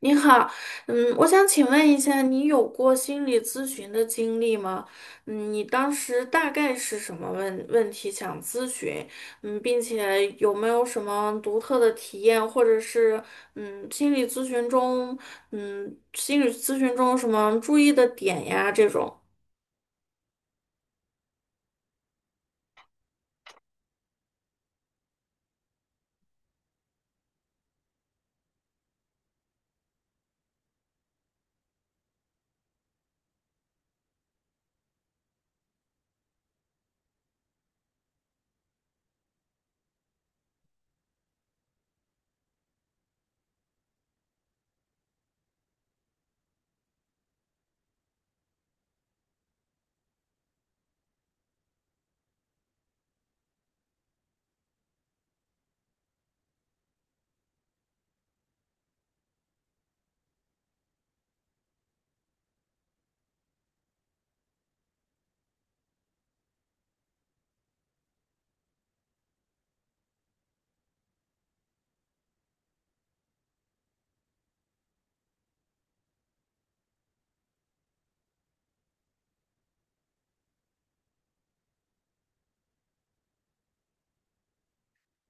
你好，我想请问一下，你有过心理咨询的经历吗？你当时大概是什么问题想咨询？并且有没有什么独特的体验，或者是嗯，心理咨询中，心理咨询中有什么注意的点呀？这种。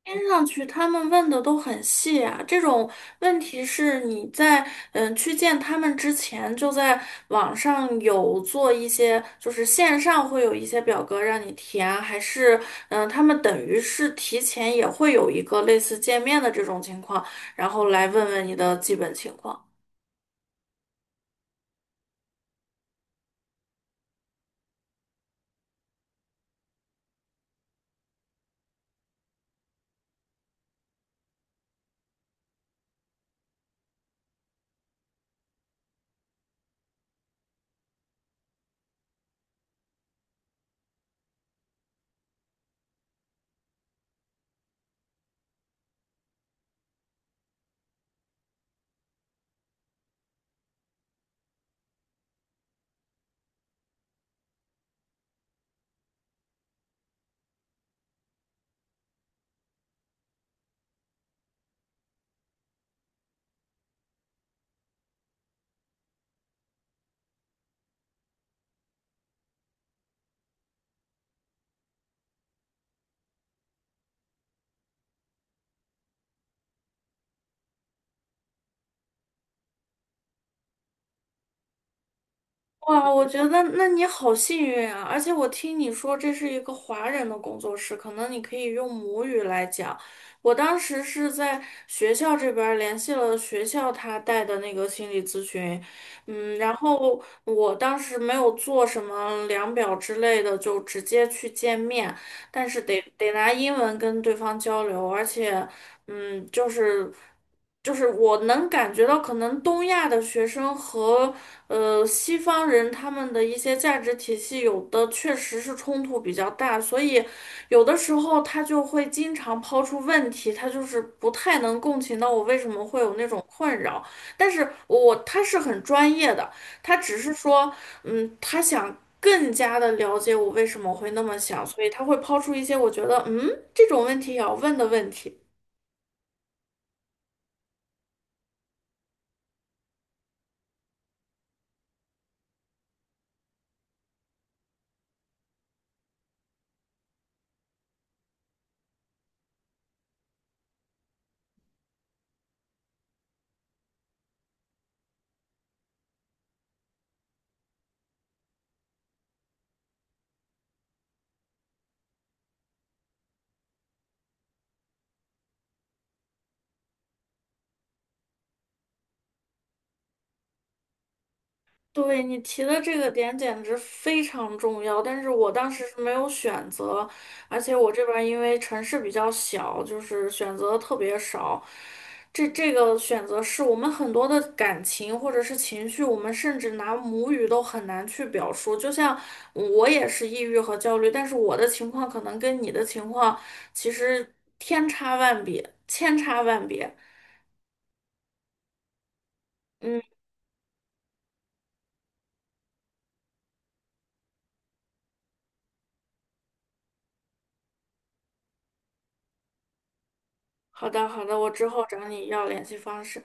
听上去他们问的都很细啊，这种问题是你在去见他们之前就在网上有做一些，就是线上会有一些表格让你填啊，还是他们等于是提前也会有一个类似见面的这种情况，然后来问问你的基本情况。哇，我觉得那你好幸运啊！而且我听你说这是一个华人的工作室，可能你可以用母语来讲。我当时是在学校这边儿联系了学校他带的那个心理咨询，然后我当时没有做什么量表之类的，就直接去见面，但是得拿英文跟对方交流，而且，嗯，就是。就是我能感觉到，可能东亚的学生和西方人他们的一些价值体系，有的确实是冲突比较大，所以有的时候他就会经常抛出问题，他就是不太能共情到我为什么会有那种困扰。但是我他是很专业的，他只是说，他想更加的了解我为什么会那么想，所以他会抛出一些我觉得，这种问题也要问的问题。对，你提的这个点简直非常重要，但是我当时是没有选择，而且我这边儿因为城市比较小，就是选择特别少。这个选择是我们很多的感情或者是情绪，我们甚至拿母语都很难去表述。就像我也是抑郁和焦虑，但是我的情况可能跟你的情况其实天差万别，千差万别。嗯，好的好的，我之后找你要联系方式。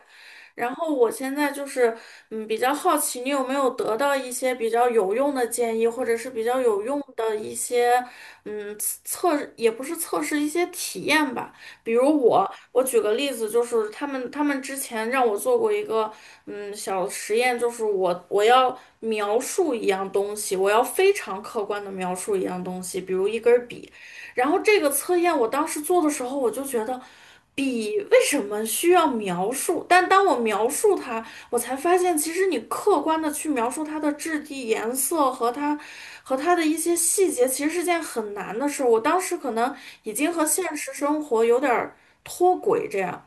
然后我现在就是，比较好奇你有没有得到一些比较有用的建议，或者是比较有用的一些，嗯，也不是测试，一些体验吧。比如我，我举个例子，就是他们之前让我做过一个，小实验，就是我要描述一样东西，我要非常客观的描述一样东西，比如一根笔。然后这个测验我当时做的时候，我就觉得笔为什么需要描述？但当我描述它，我才发现其实你客观的去描述它的质地、颜色和它和它的一些细节，其实是件很难的事儿。我当时可能已经和现实生活有点儿脱轨。这样。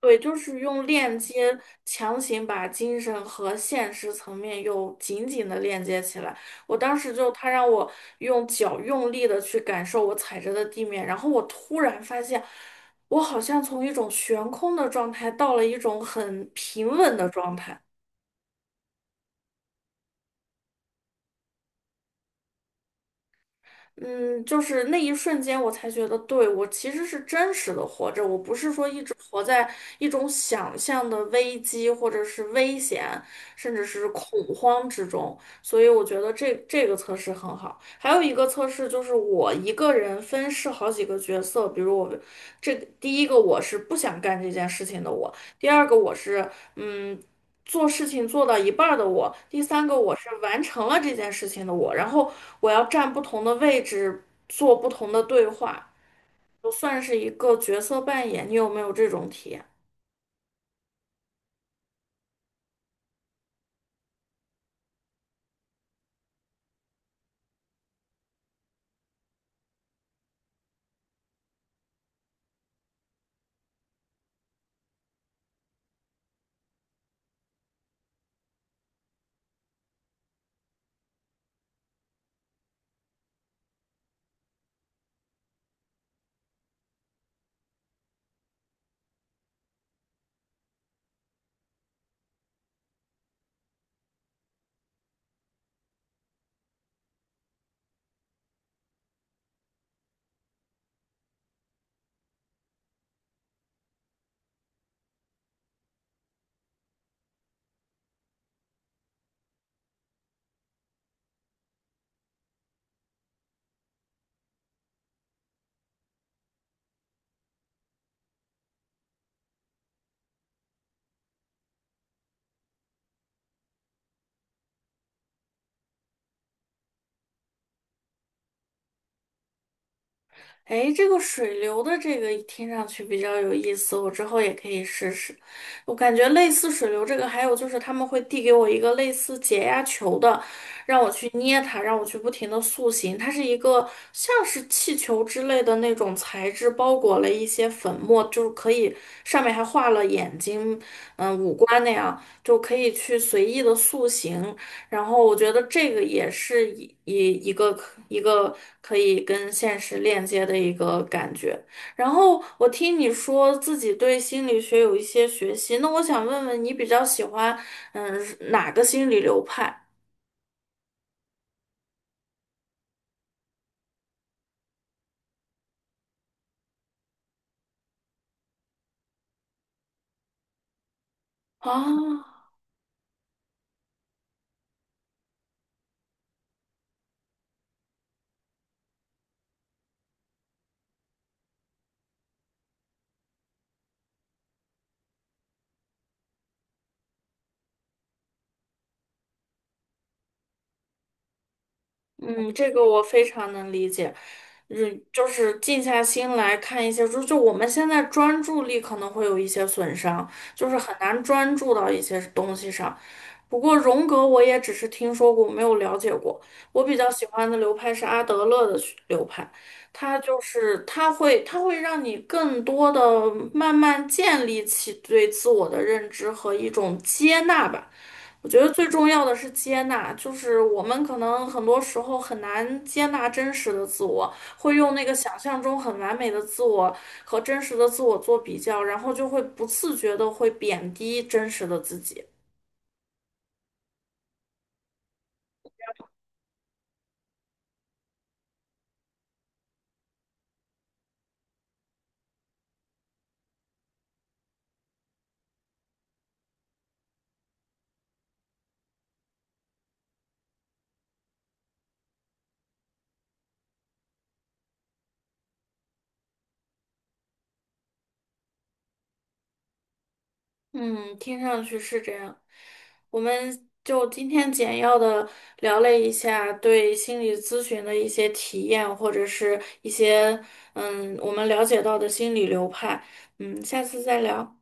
对，就是用链接强行把精神和现实层面又紧紧的链接起来。我当时就，他让我用脚用力的去感受我踩着的地面，然后我突然发现，我好像从一种悬空的状态到了一种很平稳的状态。嗯，就是那一瞬间，我才觉得，对，我其实是真实的活着，我不是说一直活在一种想象的危机或者是危险，甚至是恐慌之中。所以我觉得这个测试很好。还有一个测试就是我一个人分饰好几个角色，比如我这第一个我是不想干这件事情的我，第二个我是做事情做到一半儿的我，第三个我是完成了这件事情的我，然后我要站不同的位置，做不同的对话，就算是一个角色扮演。你有没有这种体验？哎，这个水流的这个听上去比较有意思，我之后也可以试试。我感觉类似水流这个，还有就是他们会递给我一个类似解压球的，让我去捏它，让我去不停的塑形。它是一个像是气球之类的那种材质，包裹了一些粉末，就是可以上面还画了眼睛，观那样，就可以去随意的塑形。然后我觉得这个也是一个可以跟现实链接的一个感觉。然后我听你说自己对心理学有一些学习，那我想问问你比较喜欢嗯哪个心理流派啊？嗯，这个我非常能理解，嗯，就是静下心来看一些书，就我们现在专注力可能会有一些损伤，就是很难专注到一些东西上。不过荣格我也只是听说过，没有了解过。我比较喜欢的流派是阿德勒的学流派，他就是他会让你更多的慢慢建立起对自我的认知和一种接纳吧。我觉得最重要的是接纳，就是我们可能很多时候很难接纳真实的自我，会用那个想象中很完美的自我和真实的自我做比较，然后就会不自觉的会贬低真实的自己。嗯，听上去是这样。我们就今天简要的聊了一下对心理咨询的一些体验，或者是一些我们了解到的心理流派。嗯，下次再聊。